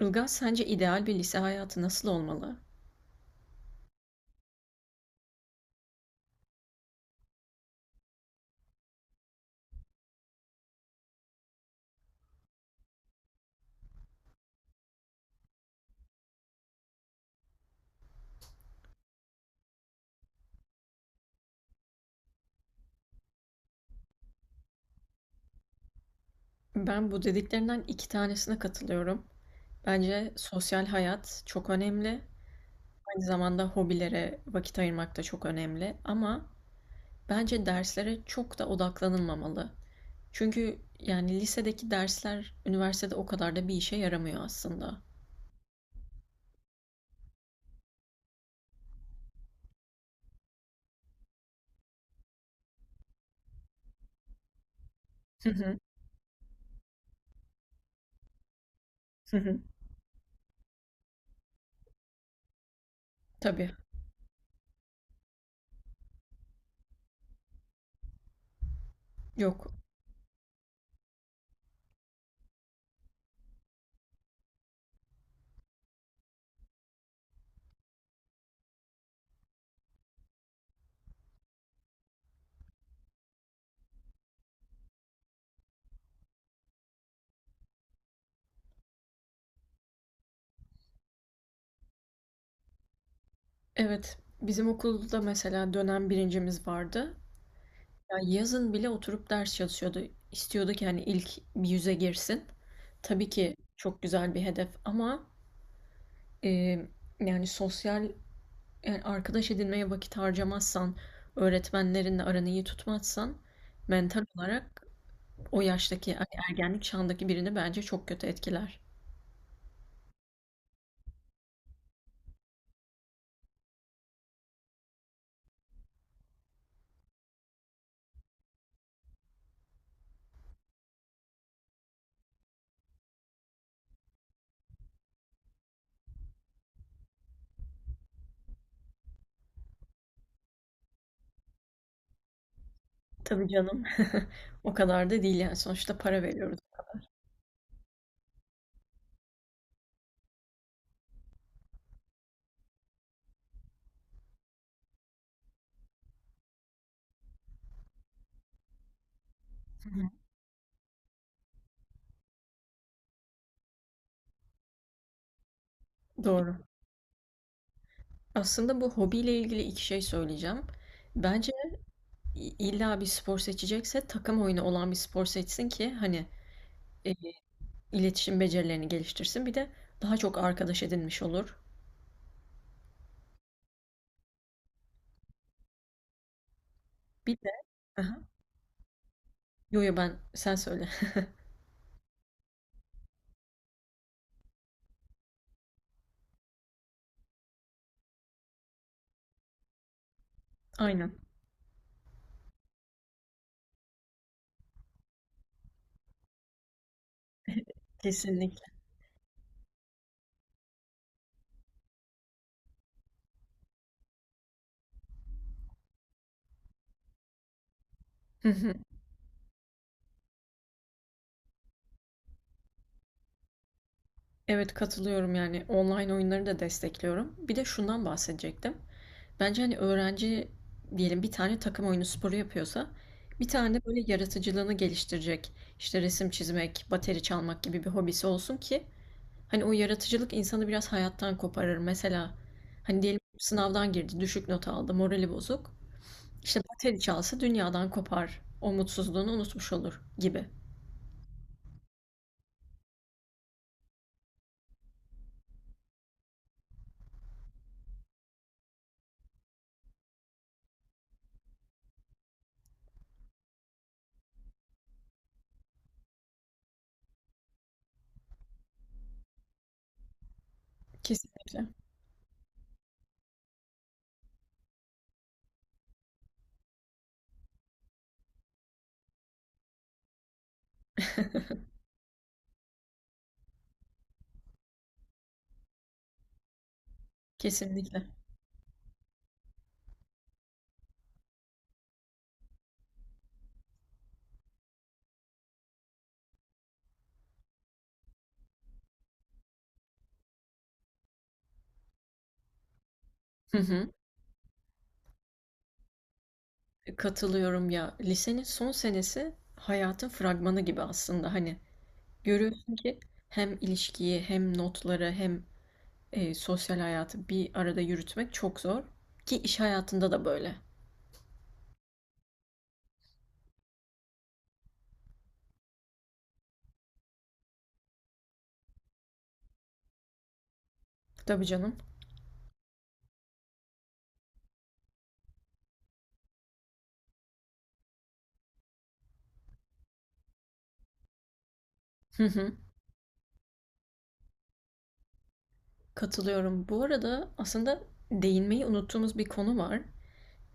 Ilgaz, sence ideal bir lise hayatı nasıl olmalı? Ben bu dediklerinden iki tanesine katılıyorum. Bence sosyal hayat çok önemli. Aynı zamanda hobilere vakit ayırmak da çok önemli. Ama bence derslere çok da odaklanılmamalı. Çünkü yani lisedeki dersler üniversitede o kadar da bir işe yaramıyor aslında. Hı hı, hı hı. Tabii. Yok. Evet. Bizim okulda mesela dönem birincimiz vardı. Ya yazın bile oturup ders çalışıyordu. İstiyordu ki hani ilk bir yüze girsin. Tabii ki çok güzel bir hedef ama e, yani sosyal, yani arkadaş edinmeye vakit harcamazsan, öğretmenlerinle aranı iyi tutmazsan mental olarak o yaştaki hani ergenlik çağındaki birini bence çok kötü etkiler. Tabii canım. O kadar da değil yani sonuçta para veriyoruz. Hı hı. Doğru. Aslında bu hobiyle ilgili iki şey söyleyeceğim. Bence İlla bir spor seçecekse takım oyunu olan bir spor seçsin ki hani e, iletişim becerilerini geliştirsin. Bir de daha çok arkadaş edinmiş olur. Bir de aha. Yo yo, ben sen söyle. Aynen. Kesinlikle. Hı hı. Evet, katılıyorum, yani online oyunları da destekliyorum. Bir de şundan bahsedecektim. Bence hani öğrenci diyelim bir tane takım oyunu sporu yapıyorsa, bir tane de böyle yaratıcılığını geliştirecek işte resim çizmek, bateri çalmak gibi bir hobisi olsun ki hani o yaratıcılık insanı biraz hayattan koparır. Mesela hani diyelim sınavdan girdi, düşük not aldı, morali bozuk. İşte bateri çalsa dünyadan kopar. O mutsuzluğunu unutmuş olur gibi. Kesinlikle. Kesinlikle. Hı hı. Katılıyorum ya. Lisenin son senesi hayatın fragmanı gibi aslında. Hani görüyorsun ki hem ilişkiyi hem notları hem sosyal hayatı bir arada yürütmek çok zor. Ki iş hayatında da böyle. Tabii canım. Katılıyorum. Bu arada aslında değinmeyi unuttuğumuz bir konu var.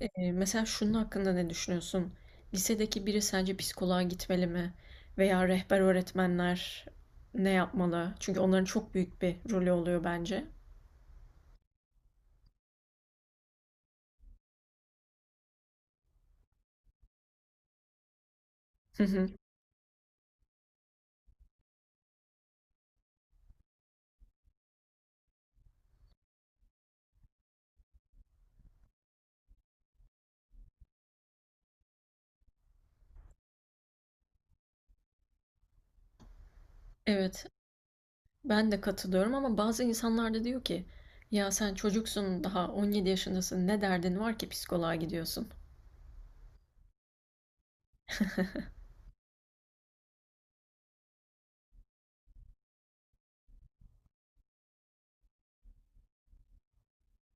Mesela şunun hakkında ne düşünüyorsun? Lisedeki biri sence psikoloğa gitmeli mi? Veya rehber öğretmenler ne yapmalı? Çünkü onların çok büyük bir rolü oluyor bence. Hı hı. Evet, ben de katılıyorum, ama bazı insanlar da diyor ki, ya sen çocuksun, daha 17 yaşındasın, ne derdin var ki psikoloğa gidiyorsun?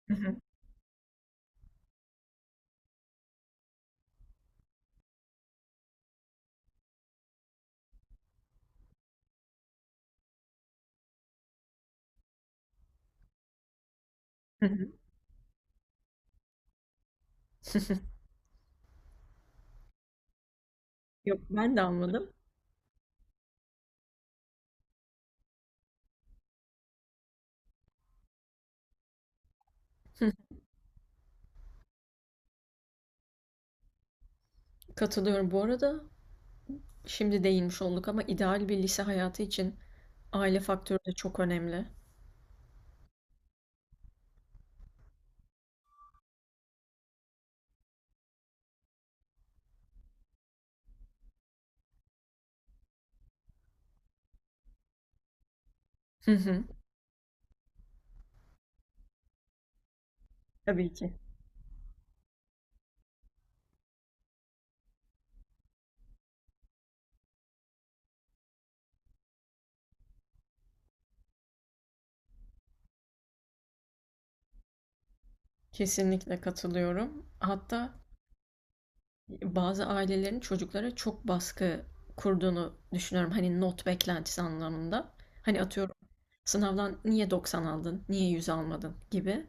Hı hı. Hı hı. Yok, ben de anladım. Hı. Katılıyorum. Bu arada şimdi değinmiş olduk ama ideal bir lise hayatı için aile faktörü de çok önemli. Hı hı. Tabii ki. Kesinlikle katılıyorum. Hatta bazı ailelerin çocuklara çok baskı kurduğunu düşünüyorum. Hani not beklentisi anlamında. Hani atıyorum sınavdan niye 90 aldın, niye 100 almadın gibi.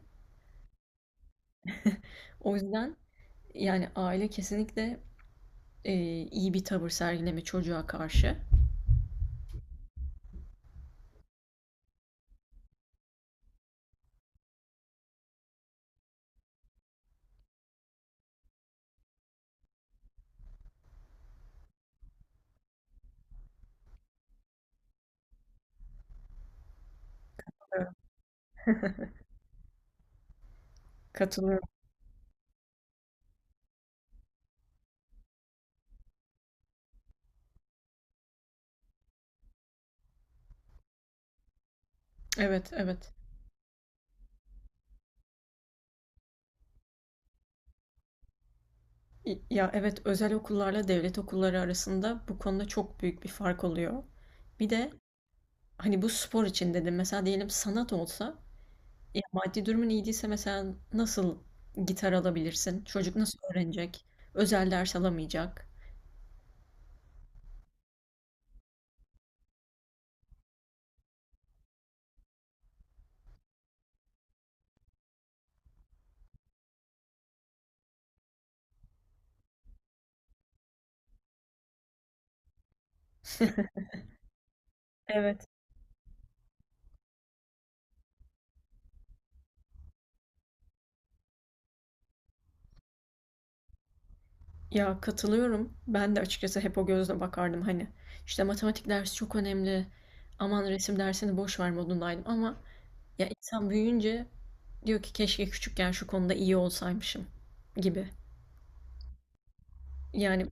O yüzden yani aile kesinlikle e, iyi bir tavır sergileme çocuğa karşı. Evet. Katılıyorum. Evet, evet. Ya evet, özel okullarla devlet okulları arasında bu konuda çok büyük bir fark oluyor. Bir de hani bu spor için dedim, mesela diyelim sanat olsa, ya maddi durumun iyi değilse mesela nasıl gitar alabilirsin? Çocuk nasıl öğrenecek? Özel ders alamayacak. Evet. Ya katılıyorum. Ben de açıkçası hep o gözle bakardım hani. İşte matematik dersi çok önemli. Aman resim dersini boş ver modundaydım ama ya insan büyüyünce diyor ki keşke küçükken şu konuda iyi olsaymışım gibi. Yani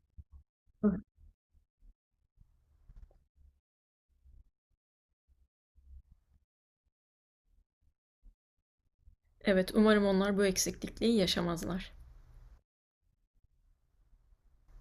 evet, umarım onlar bu eksiklikliği yaşamazlar.